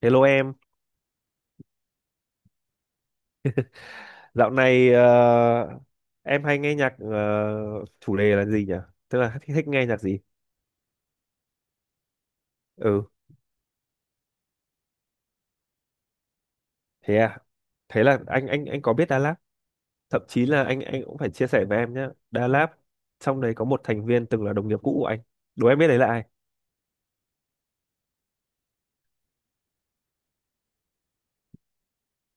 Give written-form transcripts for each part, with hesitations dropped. Hello em, dạo này em hay nghe nhạc, chủ đề là gì nhỉ? Tức là thích nghe nhạc gì? Ừ, thế à? Thế là anh có biết Đà Lạt, thậm chí là anh cũng phải chia sẻ với em nhé. Đà Lạt trong đấy có một thành viên từng là đồng nghiệp cũ của anh. Đố em biết đấy là ai?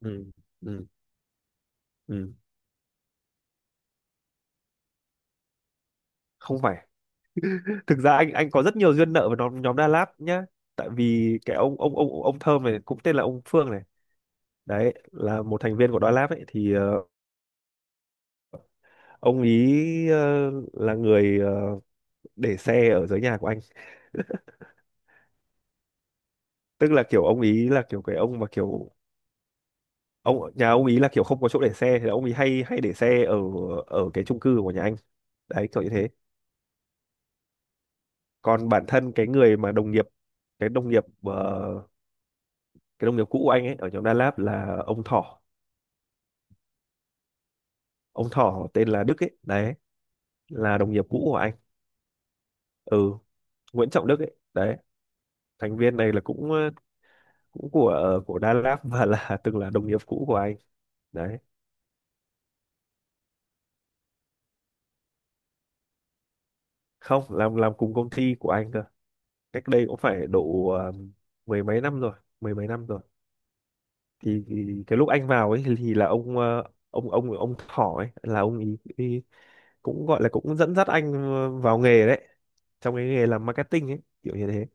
Ừ, ừ, ừ, không phải. Thực ra anh có rất nhiều duyên nợ với nhóm nhóm Đà Lạt nhá. Tại vì cái ông Thơm này cũng tên là ông Phương này. Đấy là một thành viên của Đà Lạt ấy thì, ông ý là người, để xe ở dưới nhà của anh. Tức là kiểu ông ý là kiểu cái ông mà kiểu ông nhà ông ý là kiểu không có chỗ để xe thì ông ý hay hay để xe ở ở cái chung cư của nhà anh, đấy kiểu như thế. Còn bản thân cái người mà đồng nghiệp, cái đồng nghiệp, cái đồng nghiệp cũ của anh ấy ở nhóm Đà Lạt là ông Thỏ. Ông Thỏ tên là Đức ấy, đấy là đồng nghiệp cũ của anh. Ừ, Nguyễn Trọng Đức ấy đấy, thành viên này là cũng, cũng của, của Đà Lạt và là từng là đồng nghiệp cũ của anh đấy. Không, làm làm cùng công ty của anh cơ, cách đây cũng phải độ, mười mấy năm rồi, mười mấy năm rồi. Thì cái lúc anh vào ấy thì là ông, ông Thỏ ấy là ông ý cũng gọi là cũng dẫn dắt anh, vào nghề đấy, trong cái nghề làm marketing ấy, kiểu như thế.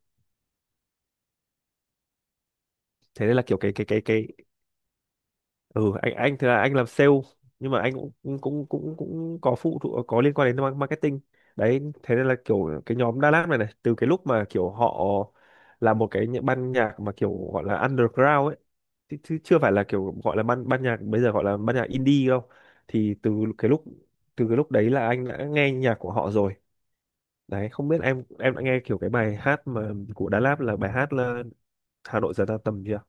Thế nên là kiểu cái ừ, anh thì là anh làm sale, nhưng mà anh cũng cũng cũng cũng, có phụ thuộc, có liên quan đến marketing đấy. Thế nên là kiểu cái nhóm Đà Lạt này này từ cái lúc mà kiểu họ là một cái ban nhạc mà kiểu gọi là underground ấy, chứ chưa phải là kiểu gọi là ban ban nhạc, bây giờ gọi là ban nhạc indie đâu. Thì từ cái lúc, từ cái lúc đấy là anh đã nghe nhạc của họ rồi đấy. Không biết em đã nghe kiểu cái bài hát mà của Đà Lạt là bài hát là Hà Nội giờ ta tầm chưa?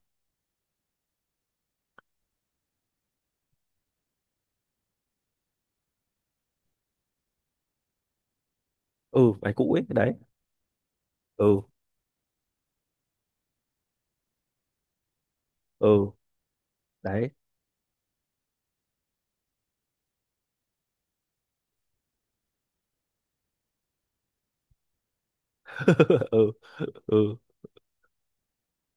Ừ, bài cũ ấy đấy. Ừ, ừ, đấy. Ừ, ừ,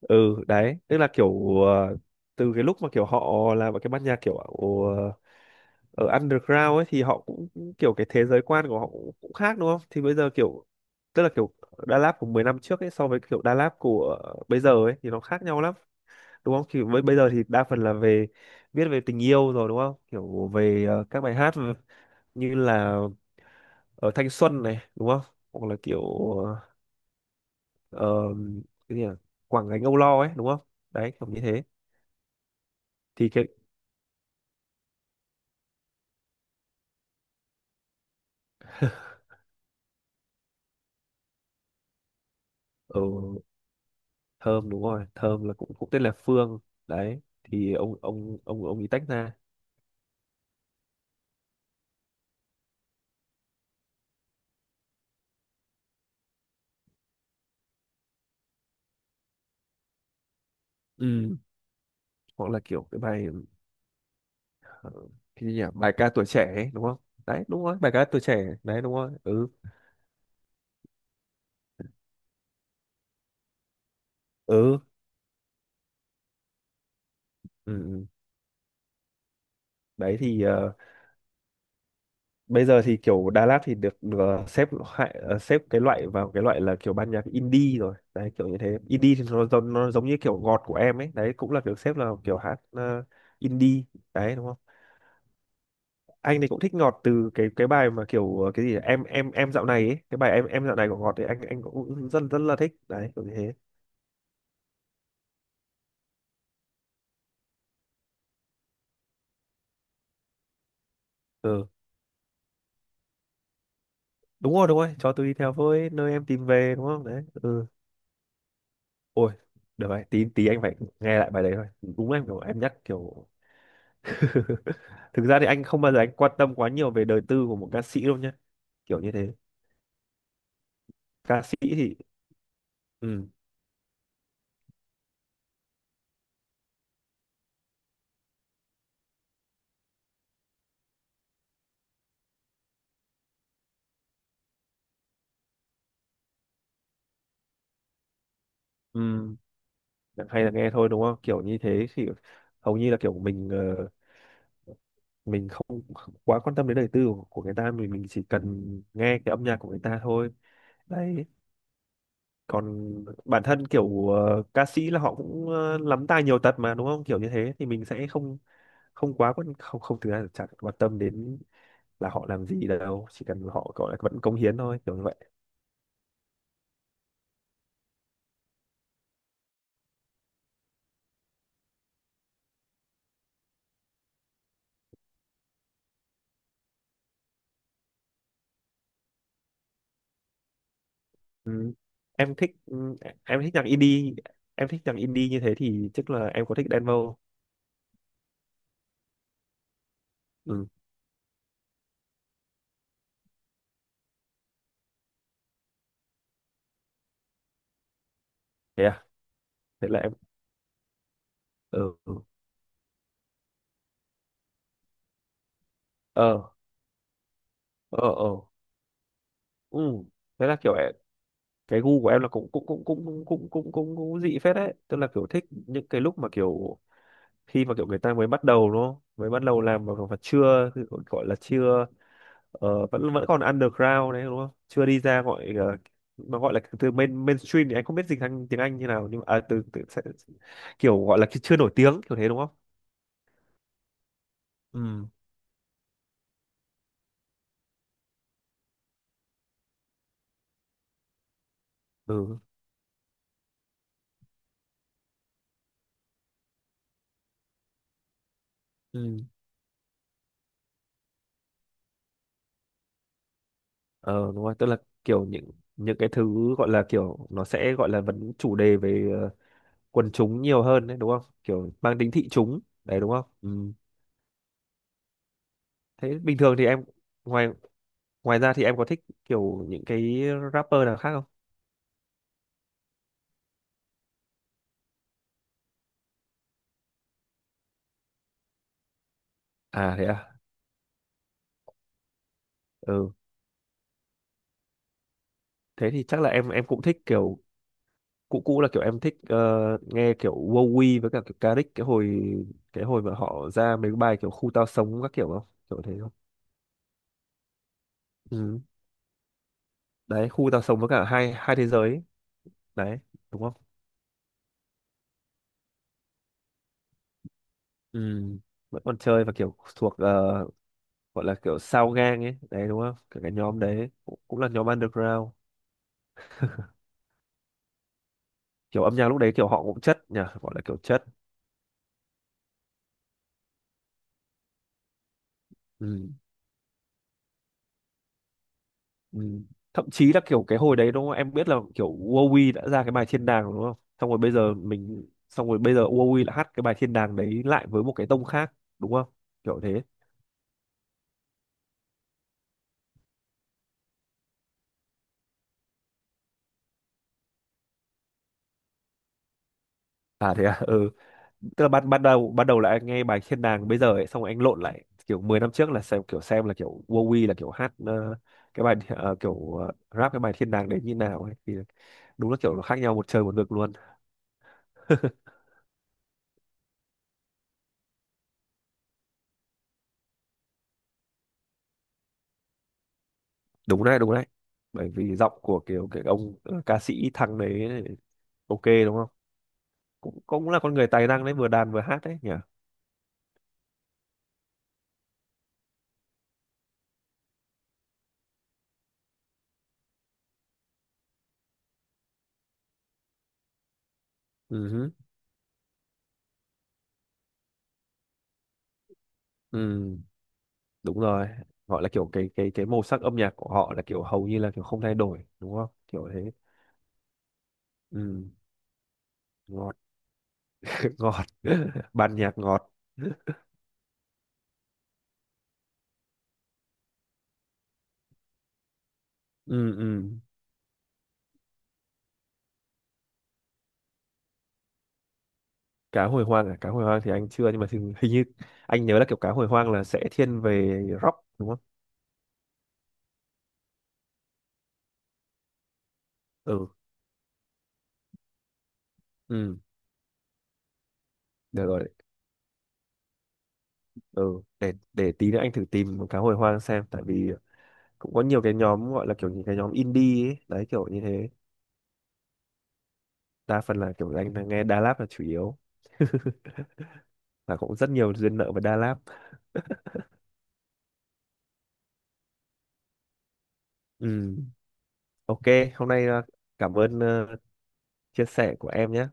ừ, đấy. Tức là kiểu, từ cái lúc mà kiểu họ là một cái ban nhạc kiểu ở, ở underground ấy, thì họ cũng cũng kiểu cái thế giới quan của họ cũng khác đúng không. Thì bây giờ kiểu, tức là kiểu Đà Lạt của 10 năm trước ấy so với kiểu Đà Lạt của bây giờ ấy thì nó khác nhau lắm đúng không. Thì với bây giờ thì đa phần là về viết về tình yêu rồi đúng không, kiểu về, các bài hát như là, thanh xuân này đúng không, hoặc là kiểu, ờ, ờ, cái gì nhỉ? Quảng gánh âu lo ấy đúng không, đấy kiểu như thế. Thì cái ừ, thơm đúng rồi, thơm là cũng cũng tên là Phương đấy. Thì ông ấy tách ra. Ừ, hoặc là kiểu cái bài, ờ, cái gì nhỉ, bài ca tuổi trẻ ấy, đúng không, đấy đúng rồi, bài ca tuổi trẻ đấy, đúng rồi. Ừ, ừ, ừ, ừ, đấy thì, bây giờ thì kiểu Đà Lạt thì được, xếp loại, xếp cái loại vào cái loại là kiểu ban nhạc indie rồi đấy, kiểu như thế. Indie thì nó giống như kiểu ngọt của em ấy đấy, cũng là kiểu xếp là kiểu hát, indie đấy đúng không. Anh thì cũng thích ngọt từ cái bài mà kiểu, cái gì, em dạo này ấy. Cái bài em dạo này của ngọt thì anh cũng rất rất là thích đấy, kiểu như thế. Ừ, đúng rồi, đúng rồi, cho tôi đi theo với nơi em tìm về đúng không đấy. Ừ, ôi, được rồi, tí tí anh phải nghe lại bài đấy thôi. Đúng, em kiểu em nhắc kiểu thực ra thì anh không bao giờ anh quan tâm quá nhiều về đời tư của một ca sĩ đâu nhá, kiểu như thế. Ca sĩ thì ừ, ừ, hay là nghe thôi đúng không, kiểu như thế. Thì hầu như là kiểu mình, ờ, mình không quá quan tâm đến đời tư của người ta, mình chỉ cần nghe cái âm nhạc của người ta thôi đấy. Còn bản thân kiểu, ca sĩ là họ cũng, lắm tài nhiều tật mà đúng không, kiểu như thế. Thì mình sẽ không, không quá quan không không thực ra là chả quan tâm đến là họ làm gì đâu, chỉ cần họ gọi là vẫn cống hiến thôi, kiểu như vậy. Ừ, em thích ừ, em thích nhạc indie, em thích nhạc indie như thế thì chắc là em có thích Đen Vâu. Ừ, thế à, thế là em ờ, ừ, ờ ờ ờ, ừ. Thế là kiểu cái gu của em là cũng dị phết đấy, tức là kiểu thích những cái lúc mà kiểu khi mà kiểu người ta mới bắt đầu đúng không, mới bắt đầu làm mà chưa gọi là chưa, vẫn vẫn còn underground đấy đúng không, chưa đi ra gọi, mà gọi là từ mainstream thì anh không biết dịch sang tiếng Anh như nào nhưng mà à, từ, từ sẽ, kiểu gọi là chưa nổi tiếng kiểu thế đúng không. Ừ, ừ, ừ, ờ đúng rồi, tức là kiểu những cái thứ gọi là kiểu nó sẽ gọi là vấn chủ đề về, quần chúng nhiều hơn đấy đúng không, kiểu mang tính thị chúng đấy đúng không. Ừ, thế bình thường thì em ngoài, ngoài ra thì em có thích kiểu những cái rapper nào khác không? À thế à, ừ, thế thì chắc là em cũng thích kiểu cũ cũ, là kiểu em thích, nghe kiểu Wowy với cả kiểu Karik cái hồi, cái hồi mà họ ra mấy cái bài kiểu khu tao sống các kiểu, không kiểu thế không. Ừ, đấy khu tao sống với cả hai hai thế giới ấy, đấy đúng không. Ừ, vẫn còn chơi và kiểu thuộc, gọi là kiểu sao gang ấy đấy đúng không, kiểu cái nhóm đấy cũng là nhóm underground, kiểu âm nhạc lúc đấy kiểu họ cũng chất nhỉ, gọi là kiểu chất. Ừ, ừ. Thậm chí là kiểu cái hồi đấy đúng không, em biết là kiểu Wowy đã ra cái bài thiên đàng đúng không, xong rồi bây giờ Wowy lại hát cái bài thiên đàng đấy lại với một cái tông khác đúng không, kiểu thế. À thế à, ừ, tức là ban ban đầu, ban đầu là anh nghe bài Thiên Đàng bây giờ ấy, xong rồi anh lộn lại kiểu 10 năm trước là xem kiểu xem là kiểu Wowy là kiểu hát, cái bài, kiểu, rap cái bài Thiên Đàng đấy như nào ấy, thì đúng là kiểu nó khác nhau một trời một vực luôn. Đúng đấy, đúng đấy, bởi vì giọng của kiểu cái ông, ca sĩ thằng đấy ok đúng không, cũng cũng là con người tài năng đấy, vừa đàn vừa hát đấy nhỉ. Ừ hứ, ừ đúng rồi, gọi là kiểu cái cái màu sắc âm nhạc của họ là kiểu hầu như là kiểu không thay đổi đúng không, kiểu thế. Ừ, đúng rồi. Ngọt ban nhạc ngọt. Ừ, ừ, cá hồi hoang à, cá hồi hoang thì anh chưa, nhưng mà thì, hình như anh nhớ là kiểu cá hồi hoang là sẽ thiên về rock đúng không. Ừ, ừ, được rồi, ừ, để tí nữa anh thử tìm cá hồi hoang xem, tại vì cũng có nhiều cái nhóm gọi là kiểu những cái nhóm indie ấy, đấy kiểu như thế. Đa phần là kiểu anh là nghe Da Lab là chủ yếu và cũng rất nhiều duyên nợ với Da Lab. Ừ, ok, hôm nay, cảm ơn, chia sẻ của em nhé.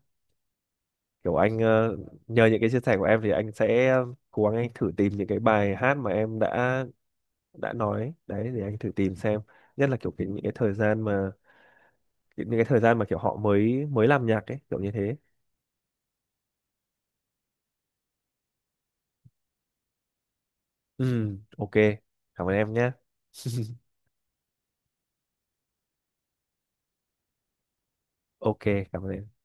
Kiểu anh, nhờ những cái chia sẻ của em thì anh sẽ cố gắng anh thử tìm những cái bài hát mà em đã nói đấy, để anh thử tìm xem. Nhất là kiểu cái, những cái thời gian mà, những cái thời gian mà kiểu họ mới mới làm nhạc ấy kiểu như thế. Ừ, ok, cảm ơn em nhé. Ok, cảm ơn em.